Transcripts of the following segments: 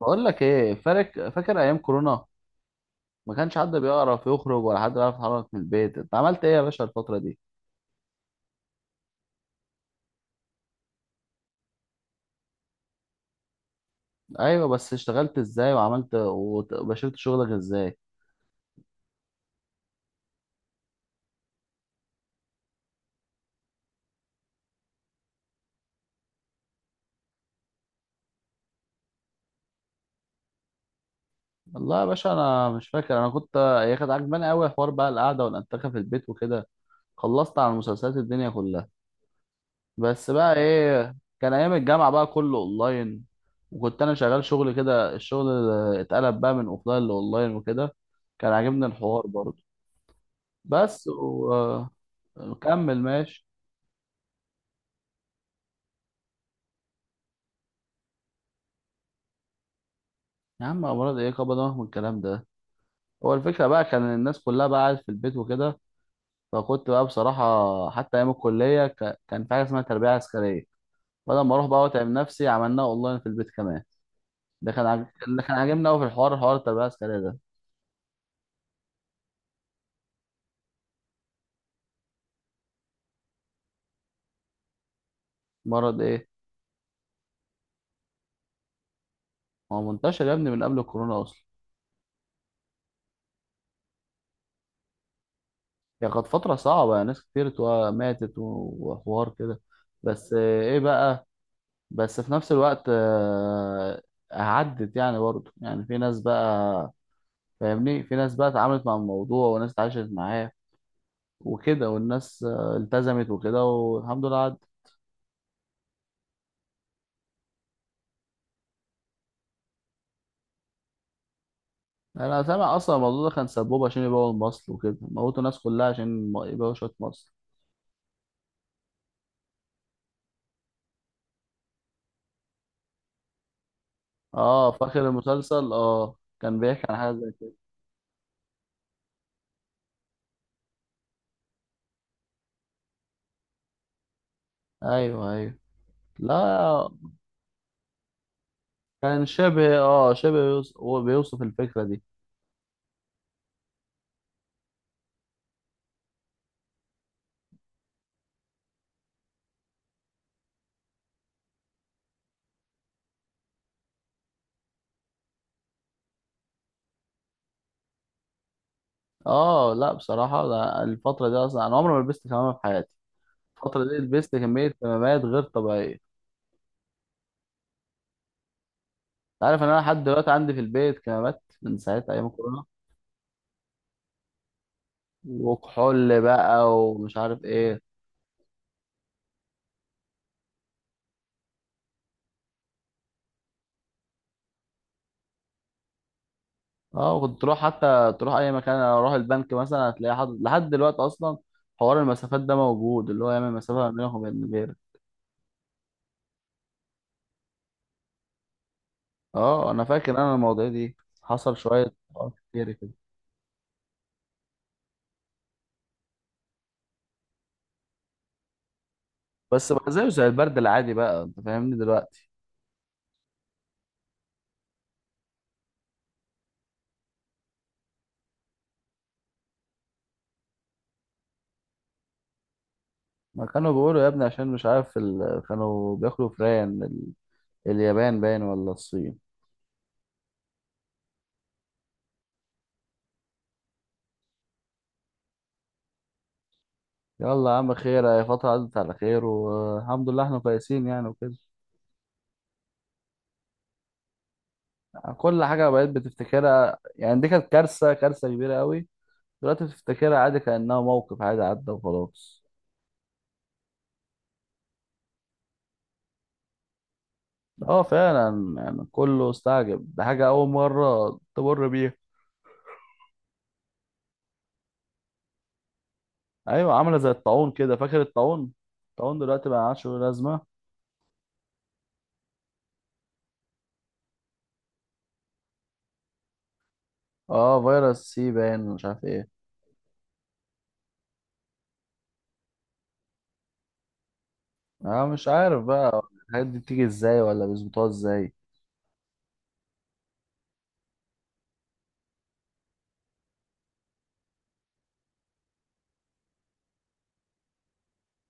بقول لك ايه؟ فاكر ايام كورونا؟ ما كانش حد بيعرف يخرج ولا حد بيعرف يتحرك من البيت. انت عملت ايه يا باشا الفتره دي؟ ايوه، بس اشتغلت ازاي وعملت وبشرت شغلك ازاي؟ والله يا باشا انا مش فاكر. انا كنت هي كانت عجباني قوي حوار بقى القعده والانتخاب في البيت وكده. خلصت على مسلسلات الدنيا كلها. بس بقى ايه، كان ايام الجامعه بقى كله اونلاين. وكنت انا شغال شغل كده، الشغل اتقلب بقى من اوفلاين لاونلاين وكده. كان عاجبني الحوار برضه. بس وكمل ماشي. يا عم امراض ايه، كبر دماغك من الكلام ده. هو الفكره بقى كان الناس كلها بقى قاعد في البيت وكده. فكنت بقى بصراحه حتى ايام الكليه كان في حاجه اسمها تربيه عسكريه. بدل ما اروح بقى واتعب نفسي، عملناها اونلاين في البيت كمان. ده كان اللي كان عاجبني قوي في الحوار، حوار التربيه العسكريه ده. مرض ايه؟ هو منتشر يا ابني من قبل الكورونا اصلا. هي كانت فتره صعبه، ناس كتير ماتت و- وحوار كده. بس ايه بقى؟ بس في نفس الوقت، عدت يعني برضه، يعني في ناس بقى فاهمني، في ناس بقى اتعاملت مع الموضوع وناس اتعاشت معاه وكده، والناس التزمت وكده، والحمد لله عدت. انا سامع اصلا الموضوع ده كان سبوبة عشان يبيعوا المصل وكده، موتوا الناس كلها عشان يبيعوا شوية مصل. اه، فاكر المسلسل، اه، كان بيحكي عن حاجة زي كده. ايوه، ايوه، لا، كان شبه، هو بيوصف الفكرة دي. اه، لا، بصراحة لا، الفترة دي اصلا انا عمري ما لبست كمامة في حياتي. الفترة دي لبست كمية كمامات غير طبيعية، انت عارف ان انا لحد دلوقتي عندي في البيت كمامات من ساعة ايام الكورونا. وكحول بقى ومش عارف ايه. اه، وكنت تروح اي مكان. اروح البنك مثلا هتلاقي حد لحد دلوقتي اصلا. حوار المسافات ده موجود، اللي هو يعمل مسافة ما بينك وبين غيرك. اه انا فاكر، انا المواضيع دي حصل شوية حوارات كتير كده. بس بقى زيه زي البرد العادي بقى، انت فاهمني دلوقتي. ما كانوا بيقولوا يا ابني عشان مش عارف كانوا بياكلوا فران اليابان باين ولا الصين. يلا يا عم خير، هي فترة عدت على خير، والحمد لله احنا كويسين يعني وكده. كل حاجة بقيت بتفتكرها، يعني دي كانت كارثة، كارثة كبيرة قوي. دلوقتي بتفتكرها عادي كأنها موقف عادي عدى وخلاص. اه فعلا، يعني كله استعجب، ده حاجة أول مرة تمر بيها. أيوة، عاملة زي الطاعون كده، فاكر الطاعون؟ الطاعون دلوقتي ما عادش له لازمة. اه، فيروس سي باين، مش عارف ايه. اه مش عارف بقى الحاجات دي بتيجي ازاي، ولا بيظبطوها ازاي.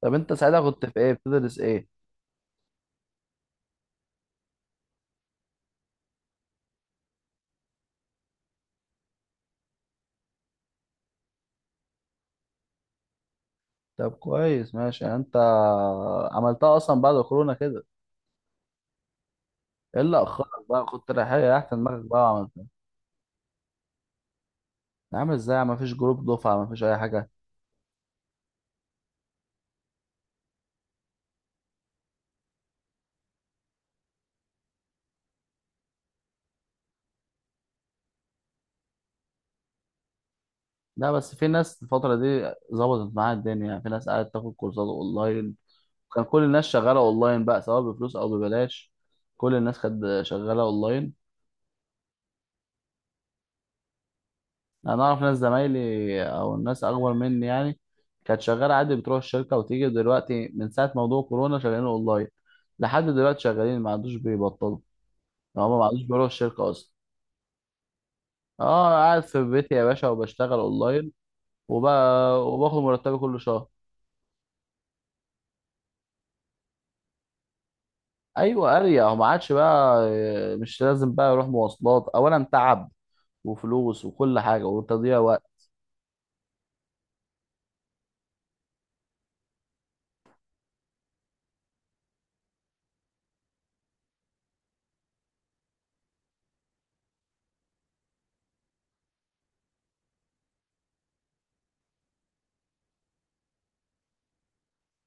طب انت ساعتها كنت في ايه، بتدرس ايه؟ طب كويس، ماشي، يعني انت عملتها اصلا بعد كورونا كده. ايه اللي اخرك بقى، كنت رايح تحت دماغك بقى وعملتها؟ عامل ازاي ما فيش جروب دفعه، ما فيش اي حاجه؟ لا، بس في ناس الفتره دي ظبطت معاها الدنيا، يعني في ناس قاعده تاخد كورسات اونلاين. كان كل الناس شغاله اونلاين بقى، سواء بفلوس او ببلاش. كل الناس كانت شغاله اونلاين. انا اعرف ناس زمايلي او الناس اكبر مني يعني، كانت شغاله عادي بتروح الشركه وتيجي، دلوقتي من ساعه موضوع كورونا شغالين اونلاين. لحد دلوقتي شغالين، ما عندوش بيبطلوا. هو ما بعدوش بروح الشركة أصلا. أه، أنا قاعد في بيتي يا باشا وبشتغل أونلاين، وب... وباخد مرتبي كل شهر. أيوة أريح، وما عادش بقى مش لازم بقى أروح مواصلات، أولا تعب وفلوس وكل حاجة وتضييع وقت.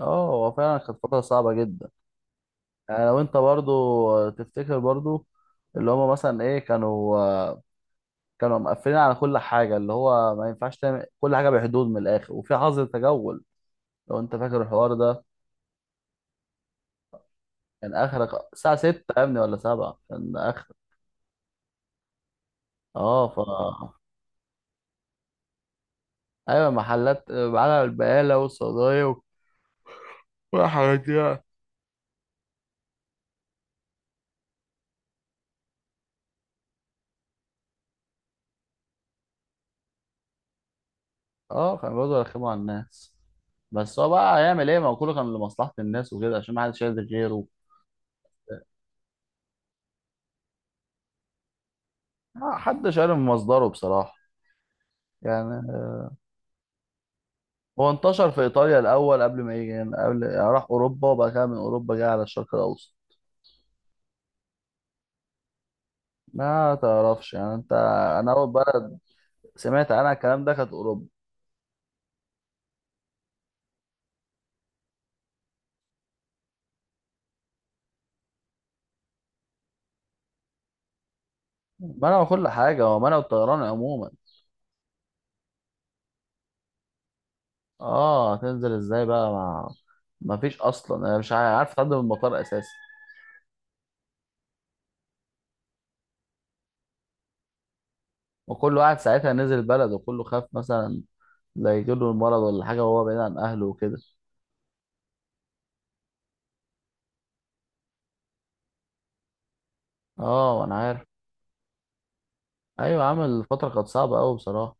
أه، هو فعلا كانت فترة صعبة جدا. يعني لو أنت برضو تفتكر برضو، اللي هما مثلا إيه، كانوا مقفلين على كل حاجة، اللي هو ما ينفعش تعمل كل حاجة، بحدود، من الآخر وفي حظر تجول. لو أنت فاكر الحوار ده؟ كان اخرك الساعه 6 يا ابني ولا 7، كان اخر اه ف ايوه، محلات، على البقاله والصيدليه والحاجات دي يعني. اه، كانوا بيقعدوا يرخموا على الناس. بس هو بقى هيعمل ايه، ما هو كله كان لمصلحه الناس وكده عشان ما حدش شايل غيره. ما حدش عارف مصدره بصراحه يعني. هو انتشر في ايطاليا الاول قبل ما يجي هنا، قبل يعني راح اوروبا، وبعد كده من اوروبا جه على الشرق الاوسط. ما تعرفش يعني انت. انا اول بلد سمعت عنها الكلام ده كانت اوروبا. منعوا كل حاجه، هو منعوا الطيران عموما. اه هتنزل ازاي بقى، ما فيش اصلا، انا مش عارف تعدي من المطار اساسا. وكل واحد ساعتها نزل بلد وكله خاف مثلا لا يجيله المرض ولا حاجه وهو بعيد عن اهله وكده. اه انا عارف. ايوه، عامل الفتره كانت صعبه قوي بصراحه.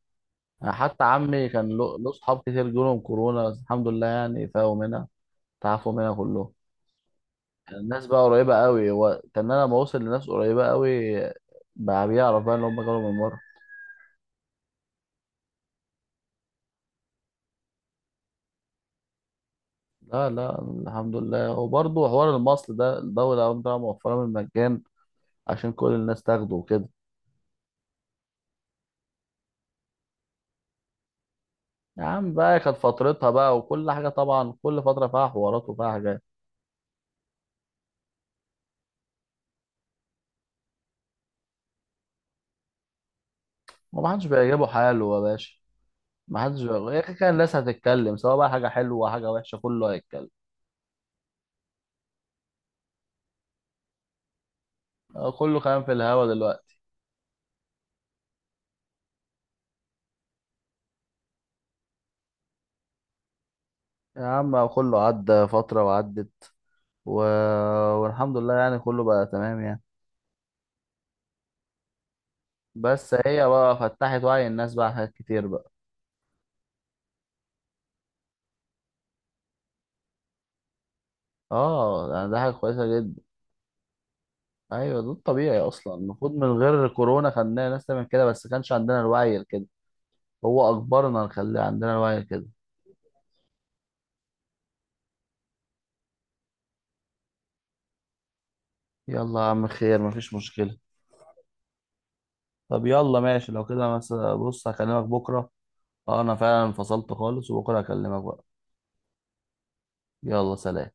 أنا حتى عمي كان له صحاب كتير جالهم كورونا، بس الحمد لله يعني فاقوا منها، تعافوا منها كلهم. الناس بقى قريبه قوي، هو كان انا لما وصل لناس قريبه قوي، بقى بيعرف بقى ان هم جالهم المرض. لا، لا، الحمد لله. وبرضه حوار المصل ده، الدولة قامت طالعة موفرة من المجان عشان كل الناس تاخده وكده. يا عم بقى كانت فترتها بقى، وكل حاجة طبعا كل فترة فيها حوارات وفيها حاجات. ومحدش بيعجبه حاله يا باشا. محدش بيعجبه إيه، كان الناس هتتكلم سواء بقى حاجة حلوة حاجة وحشة، كله هيتكلم. كله كلام في الهوا دلوقتي. يا عم كله عدى فترة وعدت و... والحمد لله يعني كله بقى تمام يعني. بس هي بقى فتحت وعي الناس بقى على حاجات كتير بقى. اه يعني ده حاجة كويسة جدا. ايوه، ده الطبيعي اصلا، المفروض من غير كورونا خلينا ناس تعمل كده، بس كانش عندنا الوعي كده. هو اجبرنا نخلي عندنا الوعي كده. يلا يا عم خير، مفيش مشكله. طب يلا ماشي لو كده، مثلا بص هكلمك بكره. اه انا فعلا انفصلت خالص، وبكره هكلمك بقى. يلا، سلام.